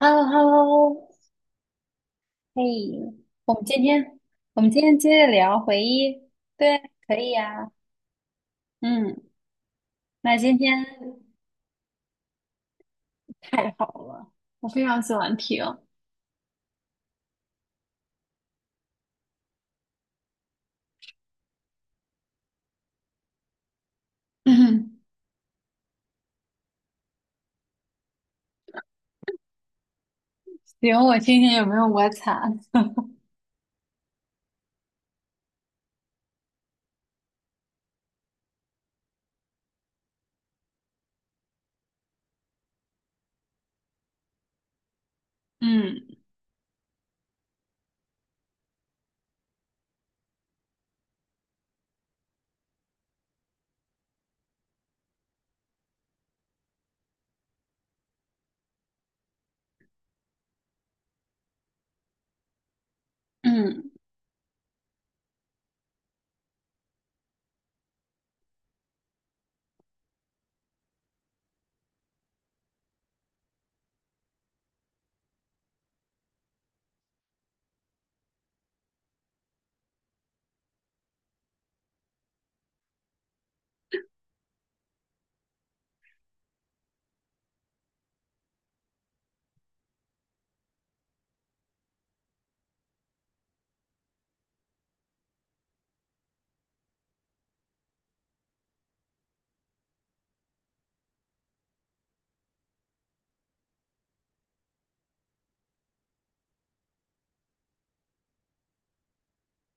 Hello, hello 嘿，我们今天我们今天接着聊回忆，对，可以呀、嗯，那今天太好了，我非常喜欢听。嗯行，我听听有没有我惨。嗯嗯，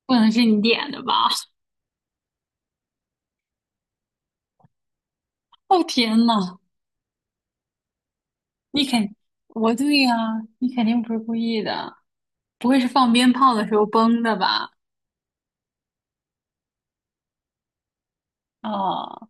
不能是你点的吧？哦天呐，你肯，我对呀、你肯定不是故意的，不会是放鞭炮的时候崩的吧？哦，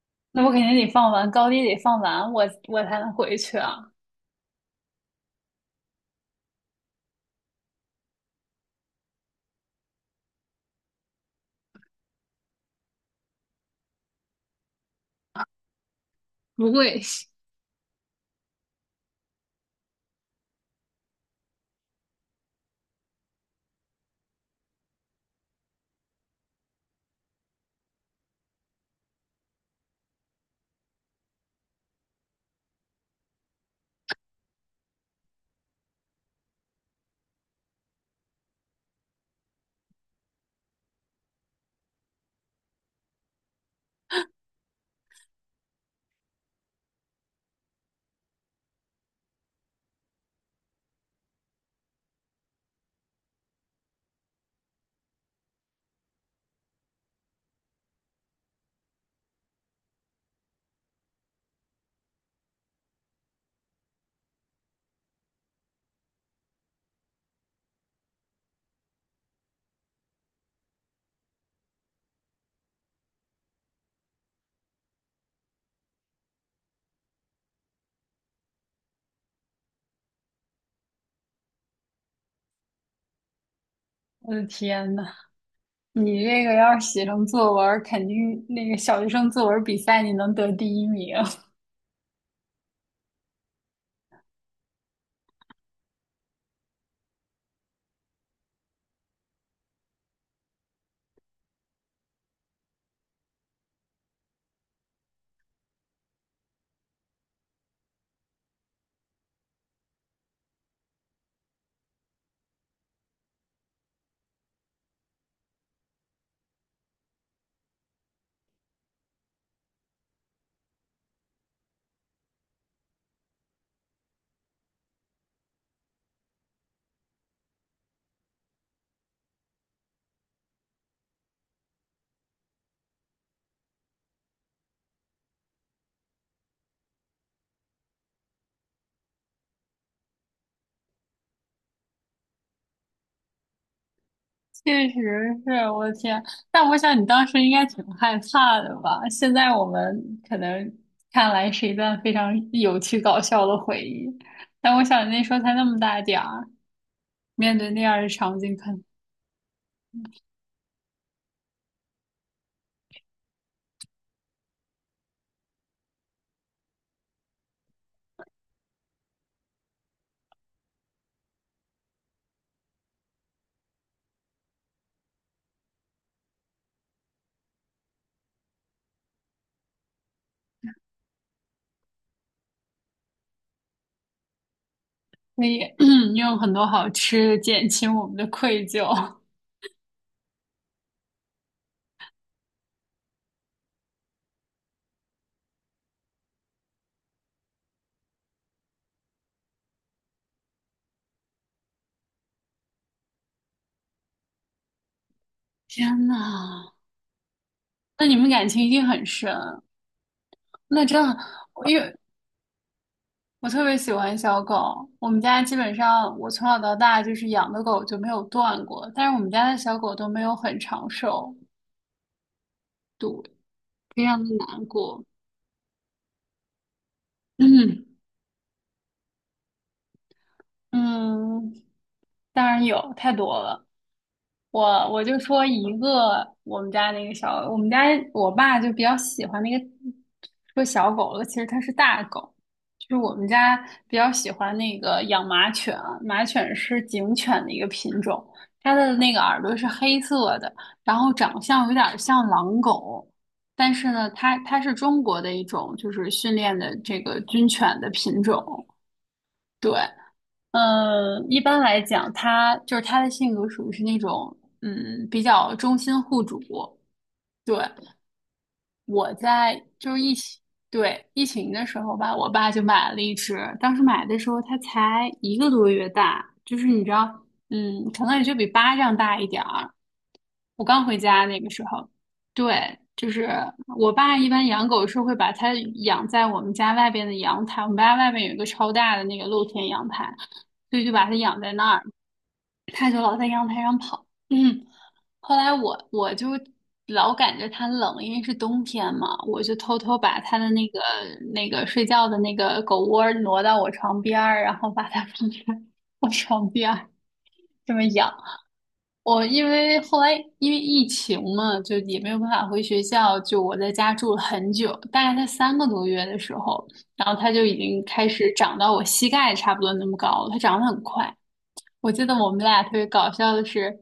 那我肯定得放完，高低得放完，我才能回去啊。不会，我的天呐，你这个要是写成作文儿肯定那个小学生作文比赛你能得第一名，确实是我的天。但我想你当时应该挺害怕的吧？现在我们可能看来是一段非常有趣搞笑的回忆，但我想你那时候才那么大点儿，面对那样的场景，可以 有很多好吃的，减轻我们的愧疚。天呐，那你们感情一定很深。那这样，因为我特别喜欢小狗，我们家基本上我从小到大就是养的狗就没有断过，但是我们家的小狗都没有很长寿，非常的难过。嗯，当然有，太多了。我就说一个我们家那个小，我们家我爸就比较喜欢那个说小狗了，其实它是大狗，就是我们家比较喜欢那个养马犬啊马犬是警犬的一个品种，它的那个耳朵是黑色的，然后长相有点像狼狗，但是呢，它是中国的一种就是训练的这个军犬的品种，对。嗯，一般来讲，他就是他的性格属于是那种，嗯，比较忠心护主，对，我在就是疫情，对，疫情的时候吧，我爸就买了一只。当时买的时候，它才一个多月大，就是你知道，嗯，可能也就比巴掌大一点儿。我刚回家那个时候，对，就是我爸一般养狗是会把它养在我们家外边的阳台，我们家外面有一个超大的那个露天阳台，所以就把它养在那儿。它就老在阳台上跑。嗯，后来我就老感觉它冷，因为是冬天嘛，我就偷偷把它的那个睡觉的那个狗窝挪到我床边儿，然后把它放在我床边儿这么养。我因为后来因为疫情嘛，就也没有办法回学校，就我在家住了很久，大概在三个多月的时候，然后它就已经开始长到我膝盖差不多那么高了，它长得很快。我记得我们俩特别搞笑的是，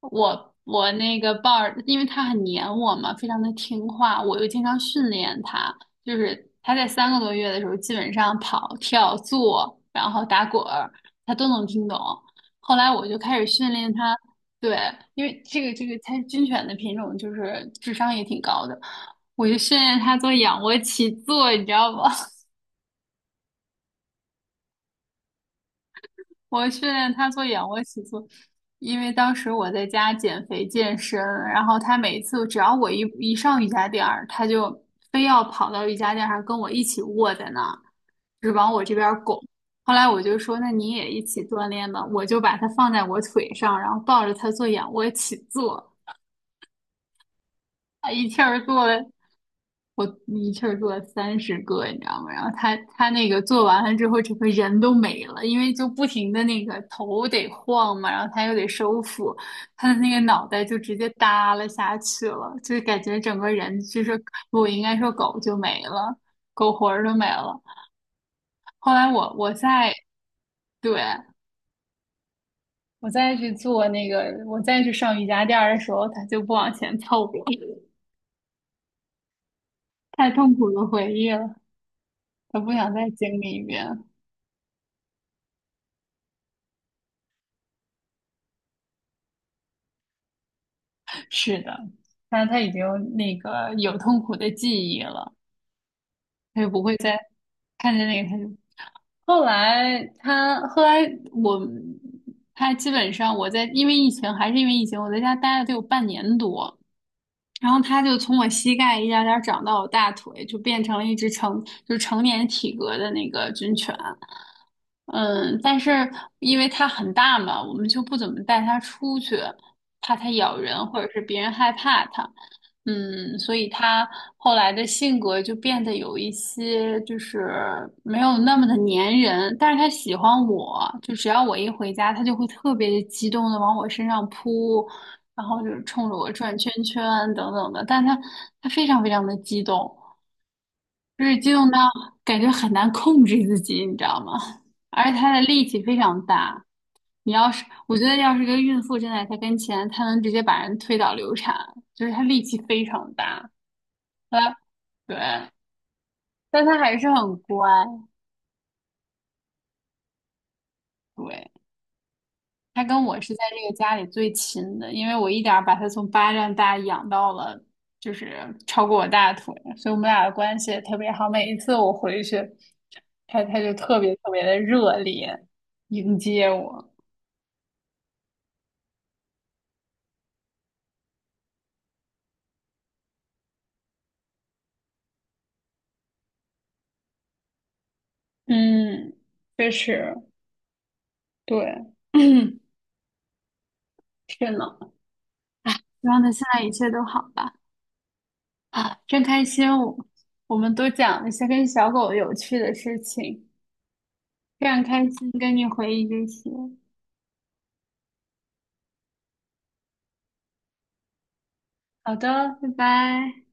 我那个豹儿，因为它很黏我嘛，非常的听话，我又经常训练它，就是它在三个多月的时候，基本上跑、跳、坐，然后打滚儿，它都能听懂。后来我就开始训练它，对，因为这个它军犬的品种就是智商也挺高的，我就训练它做仰卧起坐，你知道吗？我训练他做仰卧起坐，因为当时我在家减肥健身，然后他每次只要我一上瑜伽垫儿，他就非要跑到瑜伽垫上跟我一起卧在那儿，就是往我这边儿拱。后来我就说，那你也一起锻炼吧，我就把它放在我腿上，然后抱着他做仰卧起坐，啊，一气儿做了我一气儿做了30个，你知道吗？然后他那个做完了之后，整个人都没了，因为就不停的那个头得晃嘛，然后他又得收腹，他的那个脑袋就直接耷拉下去了，就是感觉整个人就是我应该说狗就没了，狗魂儿都没了。后来我对，我再去做那个，我再去上瑜伽垫儿的时候，他就不往前凑了，太痛苦的回忆了，他不想再经历一遍。是的，但是他已经有痛苦的记忆了，他就不会再看见那个他就。后来他后来我他基本上我在因为疫情还是因为疫情，我在家待了得有半年多，然后它就从我膝盖一点儿点儿长到我大腿，就变成了一只成就是成年体格的那个军犬。嗯，但是因为它很大嘛，我们就不怎么带它出去，怕它咬人或者是别人害怕它。嗯，所以它后来的性格就变得有一些就是没有那么的粘人，但是它喜欢我，就只要我一回家，它就会特别激动的往我身上扑，然后就是冲着我转圈圈啊等等的，但他非常非常的激动，就是激动到感觉很难控制自己，你知道吗？而且他的力气非常大，你要是我觉得要是个孕妇站在他跟前，他能直接把人推倒流产，就是他力气非常大，他对，但他还是很乖，对。他跟我是在这个家里最亲的，因为我一点儿把他从巴掌大养到了，就是超过我大腿，所以我们俩的关系也特别好。每一次我回去，他就特别特别的热烈迎接我。嗯，确实，对，天呢。希望他现在一切都好吧。啊，真开心我，我们都讲了一些跟小狗有趣的事情，非常开心跟你回忆这些。好的，拜拜。